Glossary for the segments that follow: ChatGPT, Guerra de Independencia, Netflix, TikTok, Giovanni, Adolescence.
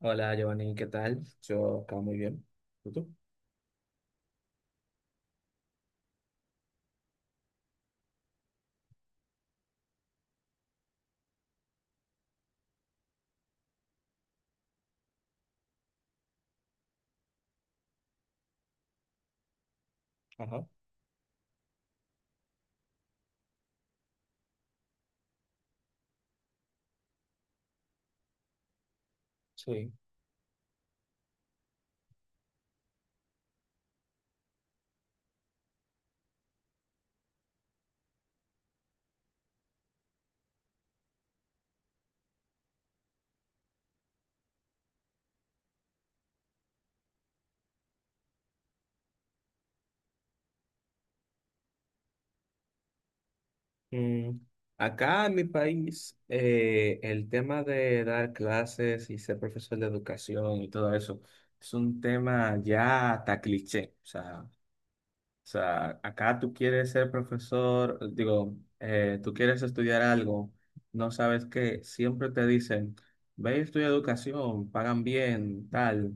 Hola Giovanni, ¿qué tal? Yo acá muy bien. ¿Y tú? Ajá, sí. Mm, acá en mi país, el tema de dar clases y ser profesor de educación y todo eso es un tema ya hasta cliché. O sea, acá tú quieres ser profesor, digo, tú quieres estudiar algo, no sabes qué, siempre te dicen, ve y estudia educación, pagan bien, tal.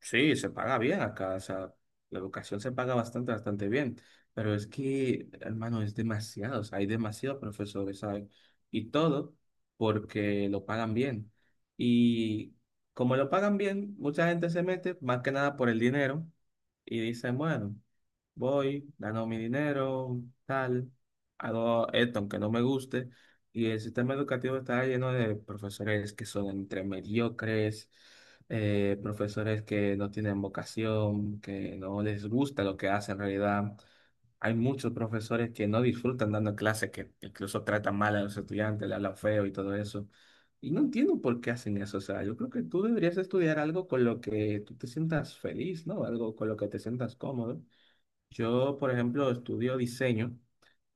Sí, se paga bien acá, o sea, la educación se paga bastante, bastante bien, pero es que, hermano, es demasiado, o sea, hay demasiados profesores, ¿sabes? Y todo porque lo pagan bien. Y como lo pagan bien, mucha gente se mete, más que nada por el dinero, y dicen, bueno. Voy, gano mi dinero, tal, hago esto aunque no me guste. Y el sistema educativo está lleno de profesores que son entre mediocres, profesores que no tienen vocación, que no les gusta lo que hacen en realidad. Hay muchos profesores que no disfrutan dando clases, que incluso tratan mal a los estudiantes, le hablan feo y todo eso. Y no entiendo por qué hacen eso. O sea, yo creo que tú deberías estudiar algo con lo que tú te sientas feliz, ¿no? Algo con lo que te sientas cómodo. Yo, por ejemplo, estudio diseño,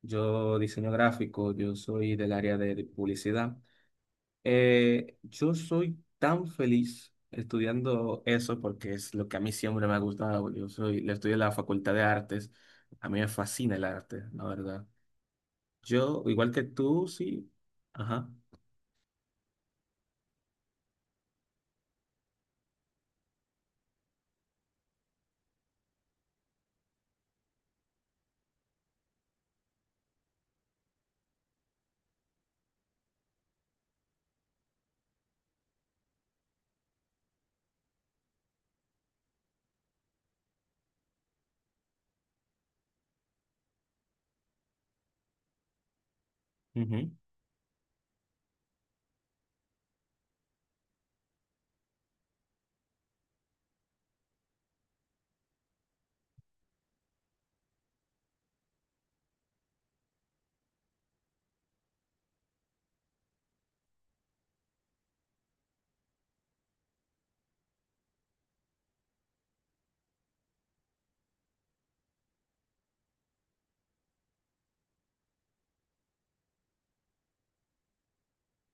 yo diseño gráfico, yo soy del área de publicidad. Yo soy tan feliz estudiando eso porque es lo que a mí siempre me ha gustado. Yo soy, le estudio en la Facultad de Artes, a mí me fascina el arte, la verdad. Yo, igual que tú, sí. Ajá. Ujú.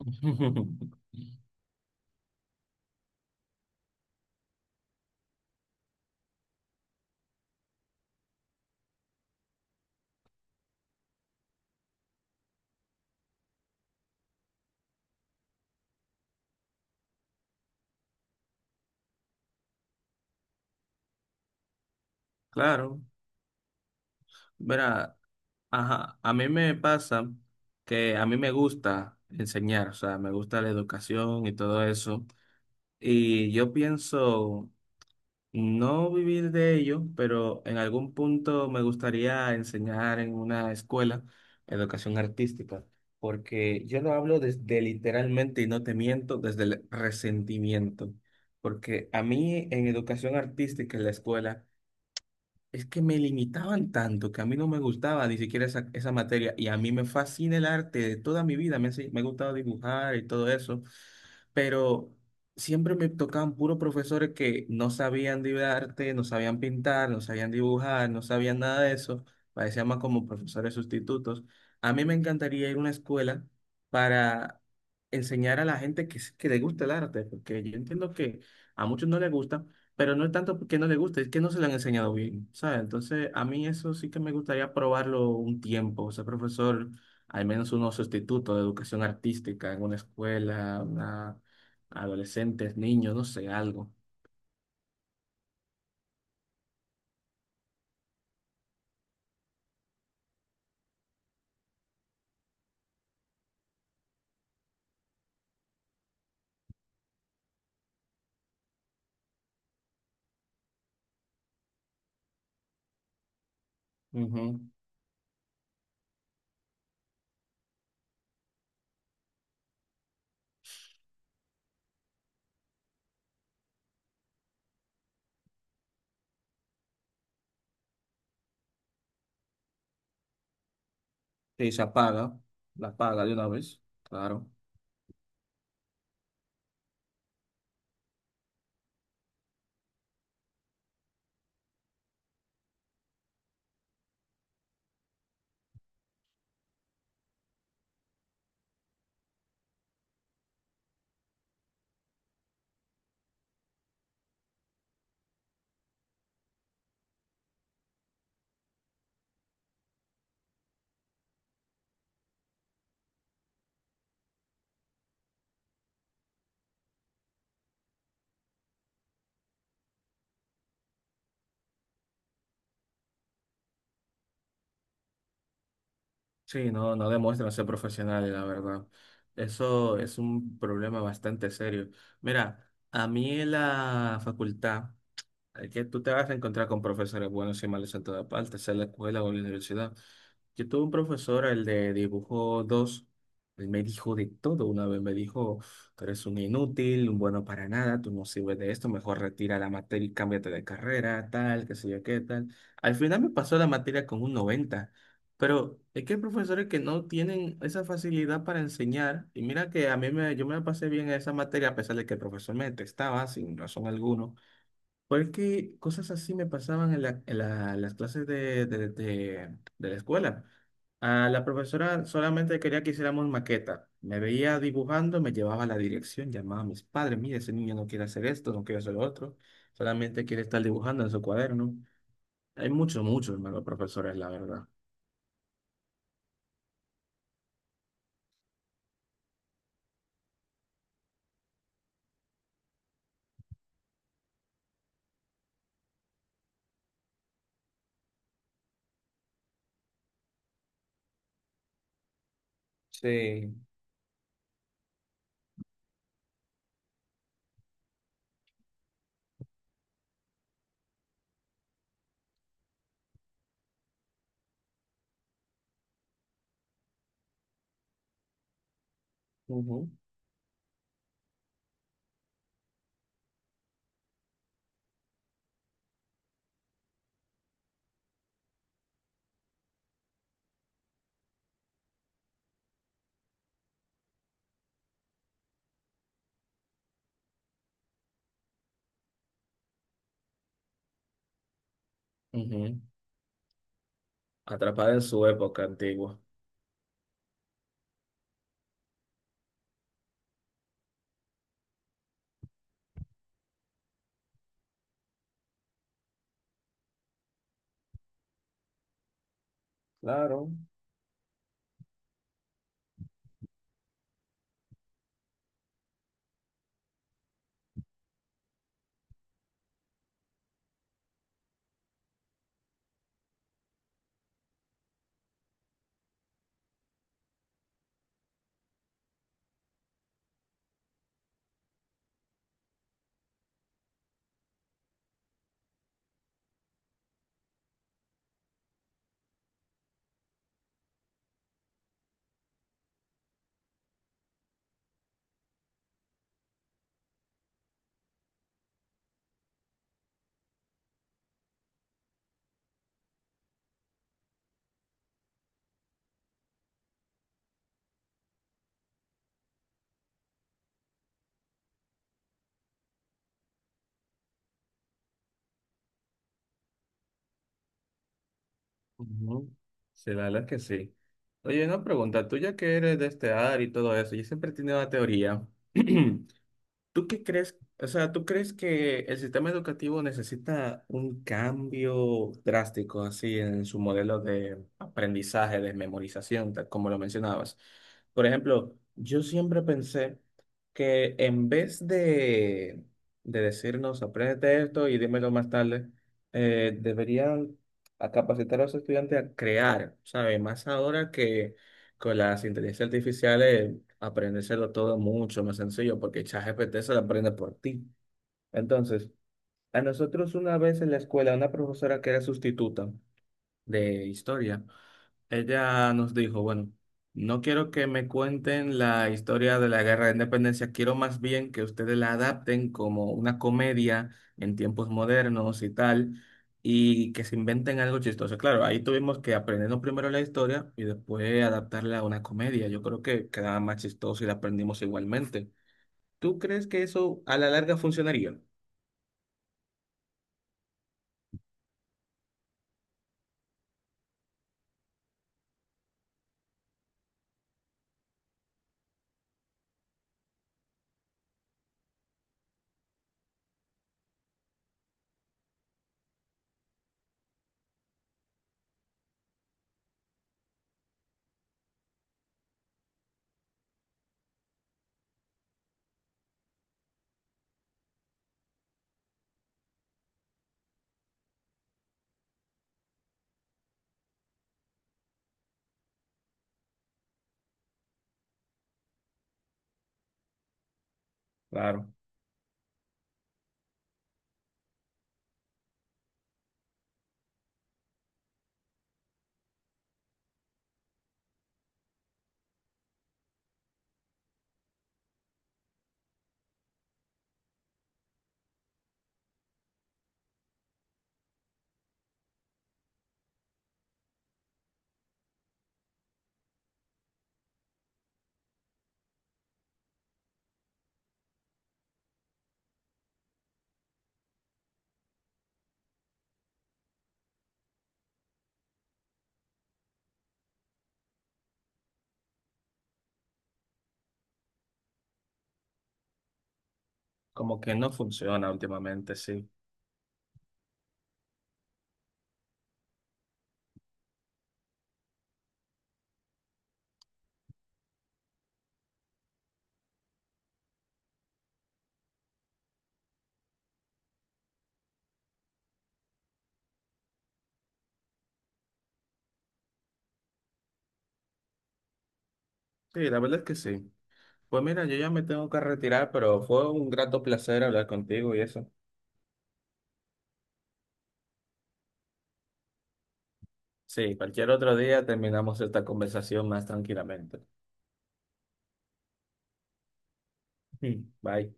Claro. Verá, ajá, a mí me pasa que a mí me gusta enseñar, o sea, me gusta la educación y todo eso. Y yo pienso no vivir de ello, pero en algún punto me gustaría enseñar en una escuela educación artística, porque yo lo hablo desde literalmente, y no te miento, desde el resentimiento, porque a mí en educación artística en la escuela es que me limitaban tanto que a mí no me gustaba ni siquiera esa materia y a mí me fascina el arte de toda mi vida, me, ha si- me ha gustado dibujar y todo eso, pero siempre me tocaban puros profesores que no sabían de arte, no sabían pintar, no sabían dibujar, no sabían nada de eso, parecían más como profesores sustitutos. A mí me encantaría ir a una escuela para enseñar a la gente que, que le gusta el arte, porque yo entiendo que a muchos no les gusta. Pero no es tanto porque no le gusta, es que no se le han enseñado bien, ¿sabes? Entonces, a mí eso sí que me gustaría probarlo un tiempo, ser profesor, al menos uno sustituto de educación artística en una escuela, una- adolescentes, niños, no sé, algo. Ujú. Sí, se apaga, la apaga de una vez, claro. Sí, no, no demuestran ser profesionales, la verdad. Eso es un problema bastante serio. Mira, a mí en la facultad es que tú te vas a encontrar con profesores buenos y malos en todas partes, sea en la escuela o en la universidad. Yo tuve un profesor, el de dibujo 2, él me dijo de todo una vez, me dijo, tú eres un inútil, un bueno para nada, tú no sirves de esto, mejor retira la materia y cámbiate de carrera, tal, qué sé yo qué, tal. Al final me pasó la materia con un 90. Pero es que hay profesores que no tienen esa facilidad para enseñar, y mira que a mí me, yo me la pasé bien en esa materia a pesar de que el profesor me detestaba sin razón alguna. Porque cosas así me pasaban en las clases de la escuela. A la profesora solamente quería que hiciéramos maqueta. Me veía dibujando, me llevaba a la dirección, llamaba a mis padres, mire, ese niño no quiere hacer esto, no quiere hacer lo otro, solamente quiere estar dibujando en su cuaderno. Hay muchos, muchos malos profesores, la verdad. Sí. Ujú. Ujú. Atrapada en su época antigua. Claro. Ujú. Sí, la verdad es que sí. Oye, una pregunta, tú ya que eres de este área y todo eso, yo siempre he tenido una teoría. ¿Tú qué crees? O sea, ¿tú crees que el sistema educativo necesita un cambio drástico así en su modelo de aprendizaje, de memorización, tal como lo mencionabas? Por ejemplo, yo siempre pensé que en vez de decirnos, apréndete esto y dímelo más tarde, deberían a capacitar a los estudiantes a crear, ¿sabes? Más ahora que con las inteligencias artificiales, aprendérselo todo mucho más sencillo, porque ChatGPT se lo aprende por ti. Entonces, a nosotros una vez en la escuela, una profesora que era sustituta de historia, ella nos dijo, bueno, no quiero que me cuenten la historia de la Guerra de Independencia, quiero más bien que ustedes la adapten como una comedia en tiempos modernos y tal, y que se inventen algo chistoso. Claro, ahí tuvimos que aprendernos primero la historia y después adaptarla a una comedia. Yo creo que quedaba más chistoso y la aprendimos igualmente. ¿Tú crees que eso a la larga funcionaría? Claro, como que no funciona últimamente, sí. Sí, la verdad es que sí. Pues mira, yo ya me tengo que retirar, pero fue un grato placer hablar contigo y eso. Sí, cualquier otro día terminamos esta conversación más tranquilamente. Bye.